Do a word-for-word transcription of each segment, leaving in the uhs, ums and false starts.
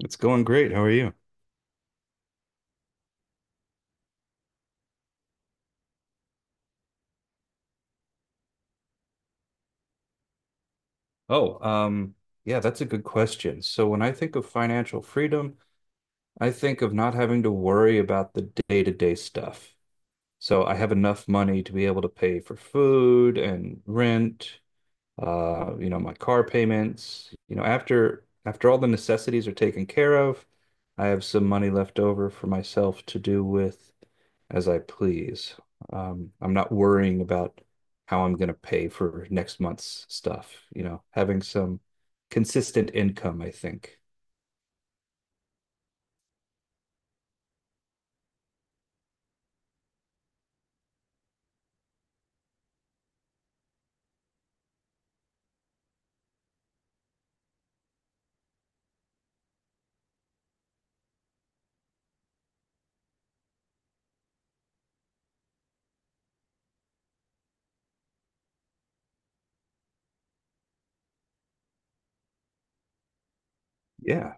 It's going great. How are you? Oh, um, yeah, that's a good question. So when I think of financial freedom, I think of not having to worry about the day-to-day stuff. So I have enough money to be able to pay for food and rent uh, you know, my car payments, you know, after after all the necessities are taken care of, I have some money left over for myself to do with as I please. Um, I'm not worrying about how I'm going to pay for next month's stuff, you know, having some consistent income, I think. Yeah,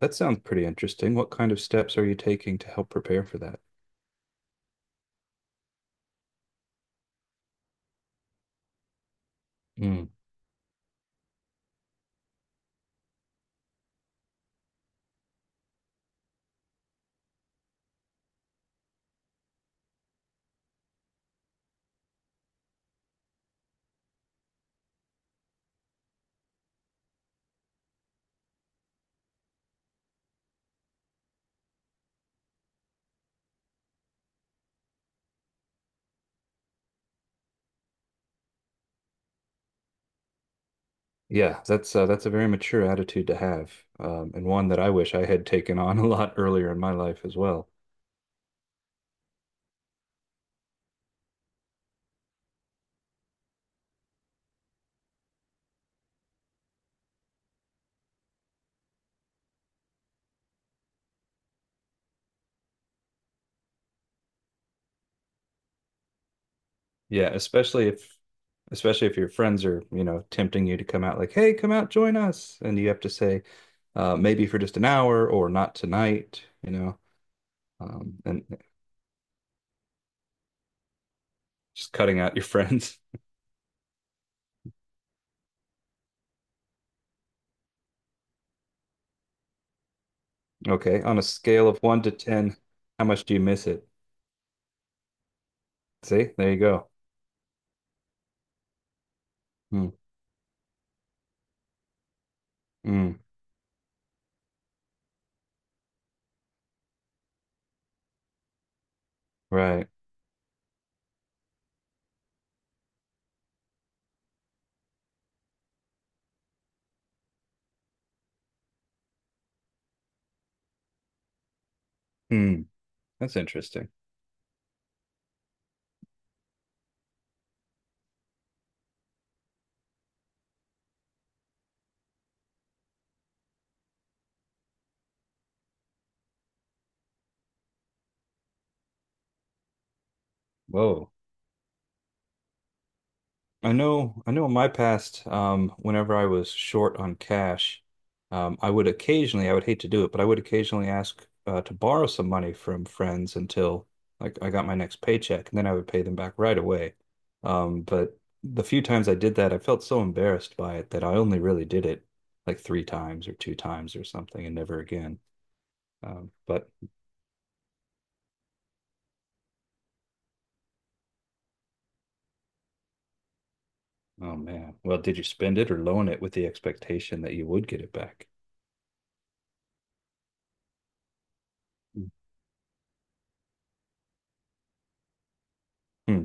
that sounds pretty interesting. What kind of steps are you taking to help prepare for that? Mm. Yeah, that's uh, that's a very mature attitude to have, um, and one that I wish I had taken on a lot earlier in my life as well. Yeah, especially if especially if your friends are, you know, tempting you to come out like, "Hey, come out, join us," and you have to say, uh, maybe for just an hour or not tonight, you know, um, and Just cutting out your friends. Okay, on a scale of one to ten, how much do you miss it? See, there you go. Mm, mm, right. Mm, that's interesting. Whoa. I know, I know in my past, um, whenever I was short on cash, um, I would occasionally, I would hate to do it, but I would occasionally ask uh, to borrow some money from friends until like I got my next paycheck, and then I would pay them back right away. Um, but the few times I did that, I felt so embarrassed by it that I only really did it like three times or two times or something, and never again. Um, but oh man, well, did you spend it or loan it with the expectation that you would get it back? Hmm.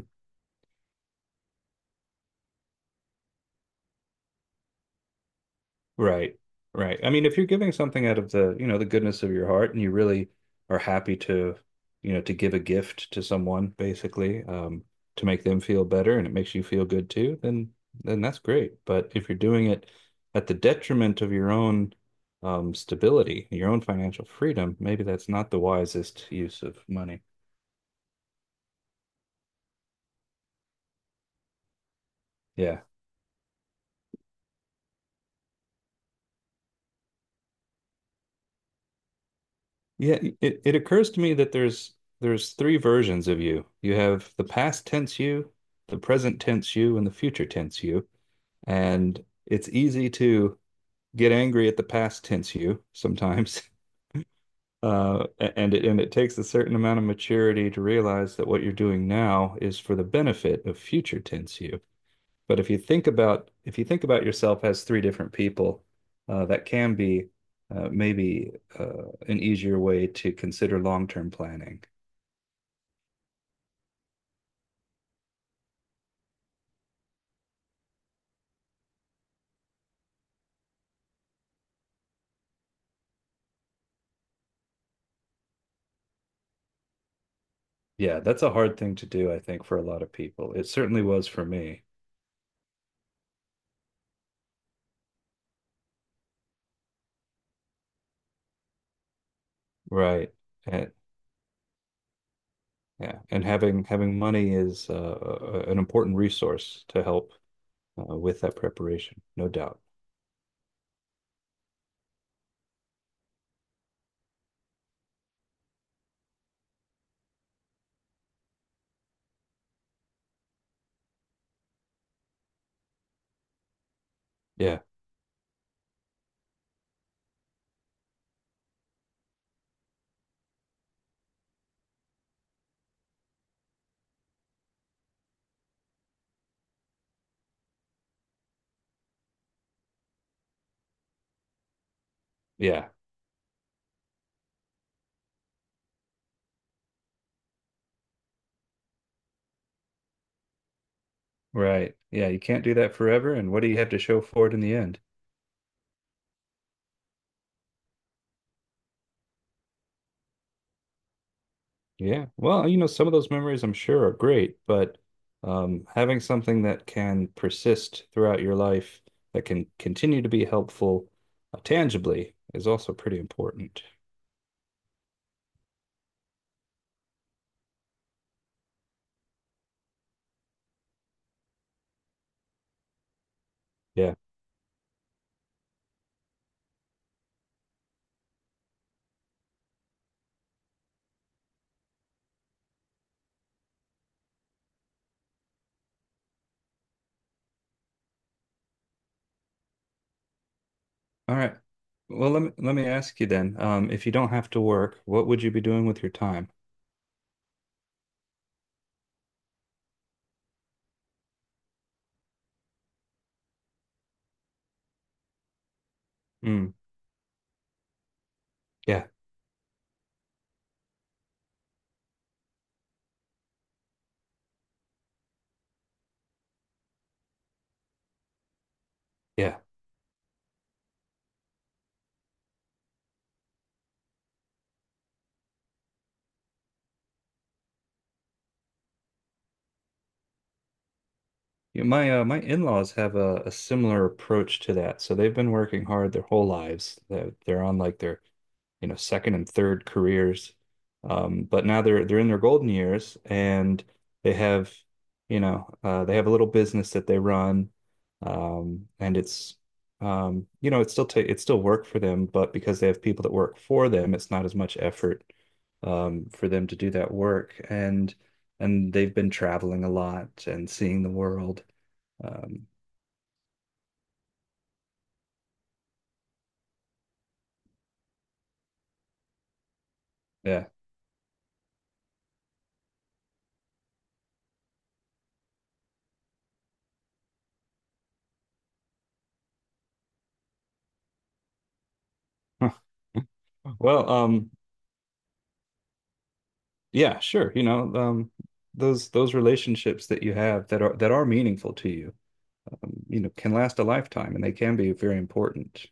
Right. Right. I mean, if you're giving something out of the, you know, the goodness of your heart and you really are happy to, you know, to give a gift to someone, basically, um, to make them feel better and it makes you feel good too, then then that's great. But if you're doing it at the detriment of your own um stability, your own financial freedom, maybe that's not the wisest use of money. Yeah. Yeah, it, it occurs to me that there's there's three versions of you. You have the past tense you, the present tense you, and the future tense you. And it's easy to get angry at the past tense you sometimes. Uh, a- and it and it takes a certain amount of maturity to realize that what you're doing now is for the benefit of future tense you. But if you think about if you think about yourself as three different people, uh, that can be uh, maybe uh, an easier way to consider long-term planning. Yeah, that's a hard thing to do, I think, for a lot of people. It certainly was for me. Right. And yeah, and having having money is uh, a- an important resource to help uh, with that preparation, no doubt. Yeah. Yeah. Right. Yeah, you can't do that forever. And what do you have to show for it in the end? Yeah. Well, you know, some of those memories I'm sure are great, but um, having something that can persist throughout your life, that can continue to be helpful uh, tangibly is also pretty important. Yeah. All right. Well, let me let me ask you then, um, if you don't have to work, what would you be doing with your time? Mm, yeah, yeah. Yeah, my uh, my in-laws have a, a similar approach to that. So they've been working hard their whole lives. They're, they're on like their you know, second and third careers. Um, but now they're they're in their golden years and they have, you know, uh, they have a little business that they run. Um, and it's um, you know, it's still ta it's still work for them, but because they have people that work for them, it's not as much effort um, for them to do that work. And and they've been traveling a lot and seeing the world. Um, yeah. Well, um, yeah, sure. You know, um, those those relationships that you have that are that are meaningful to you, you know, can last a lifetime and they can be very important.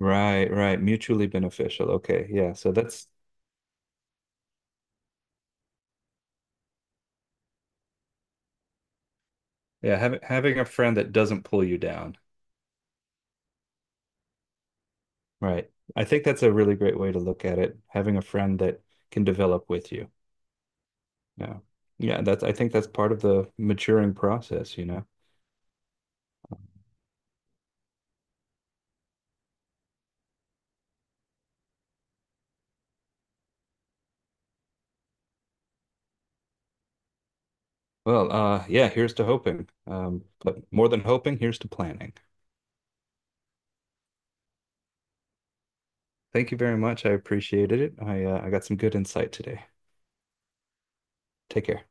Right, right. Mutually beneficial. Okay. Yeah. So that's yeah, having having a friend that doesn't pull you down. Right. I think that's a really great way to look at it. Having a friend that can develop with you. Yeah. Yeah, that's I think that's part of the maturing process, you know. Well, uh yeah, here's to hoping. Um, but more than hoping, here's to planning. Thank you very much. I appreciated it. I uh, I got some good insight today. Take care.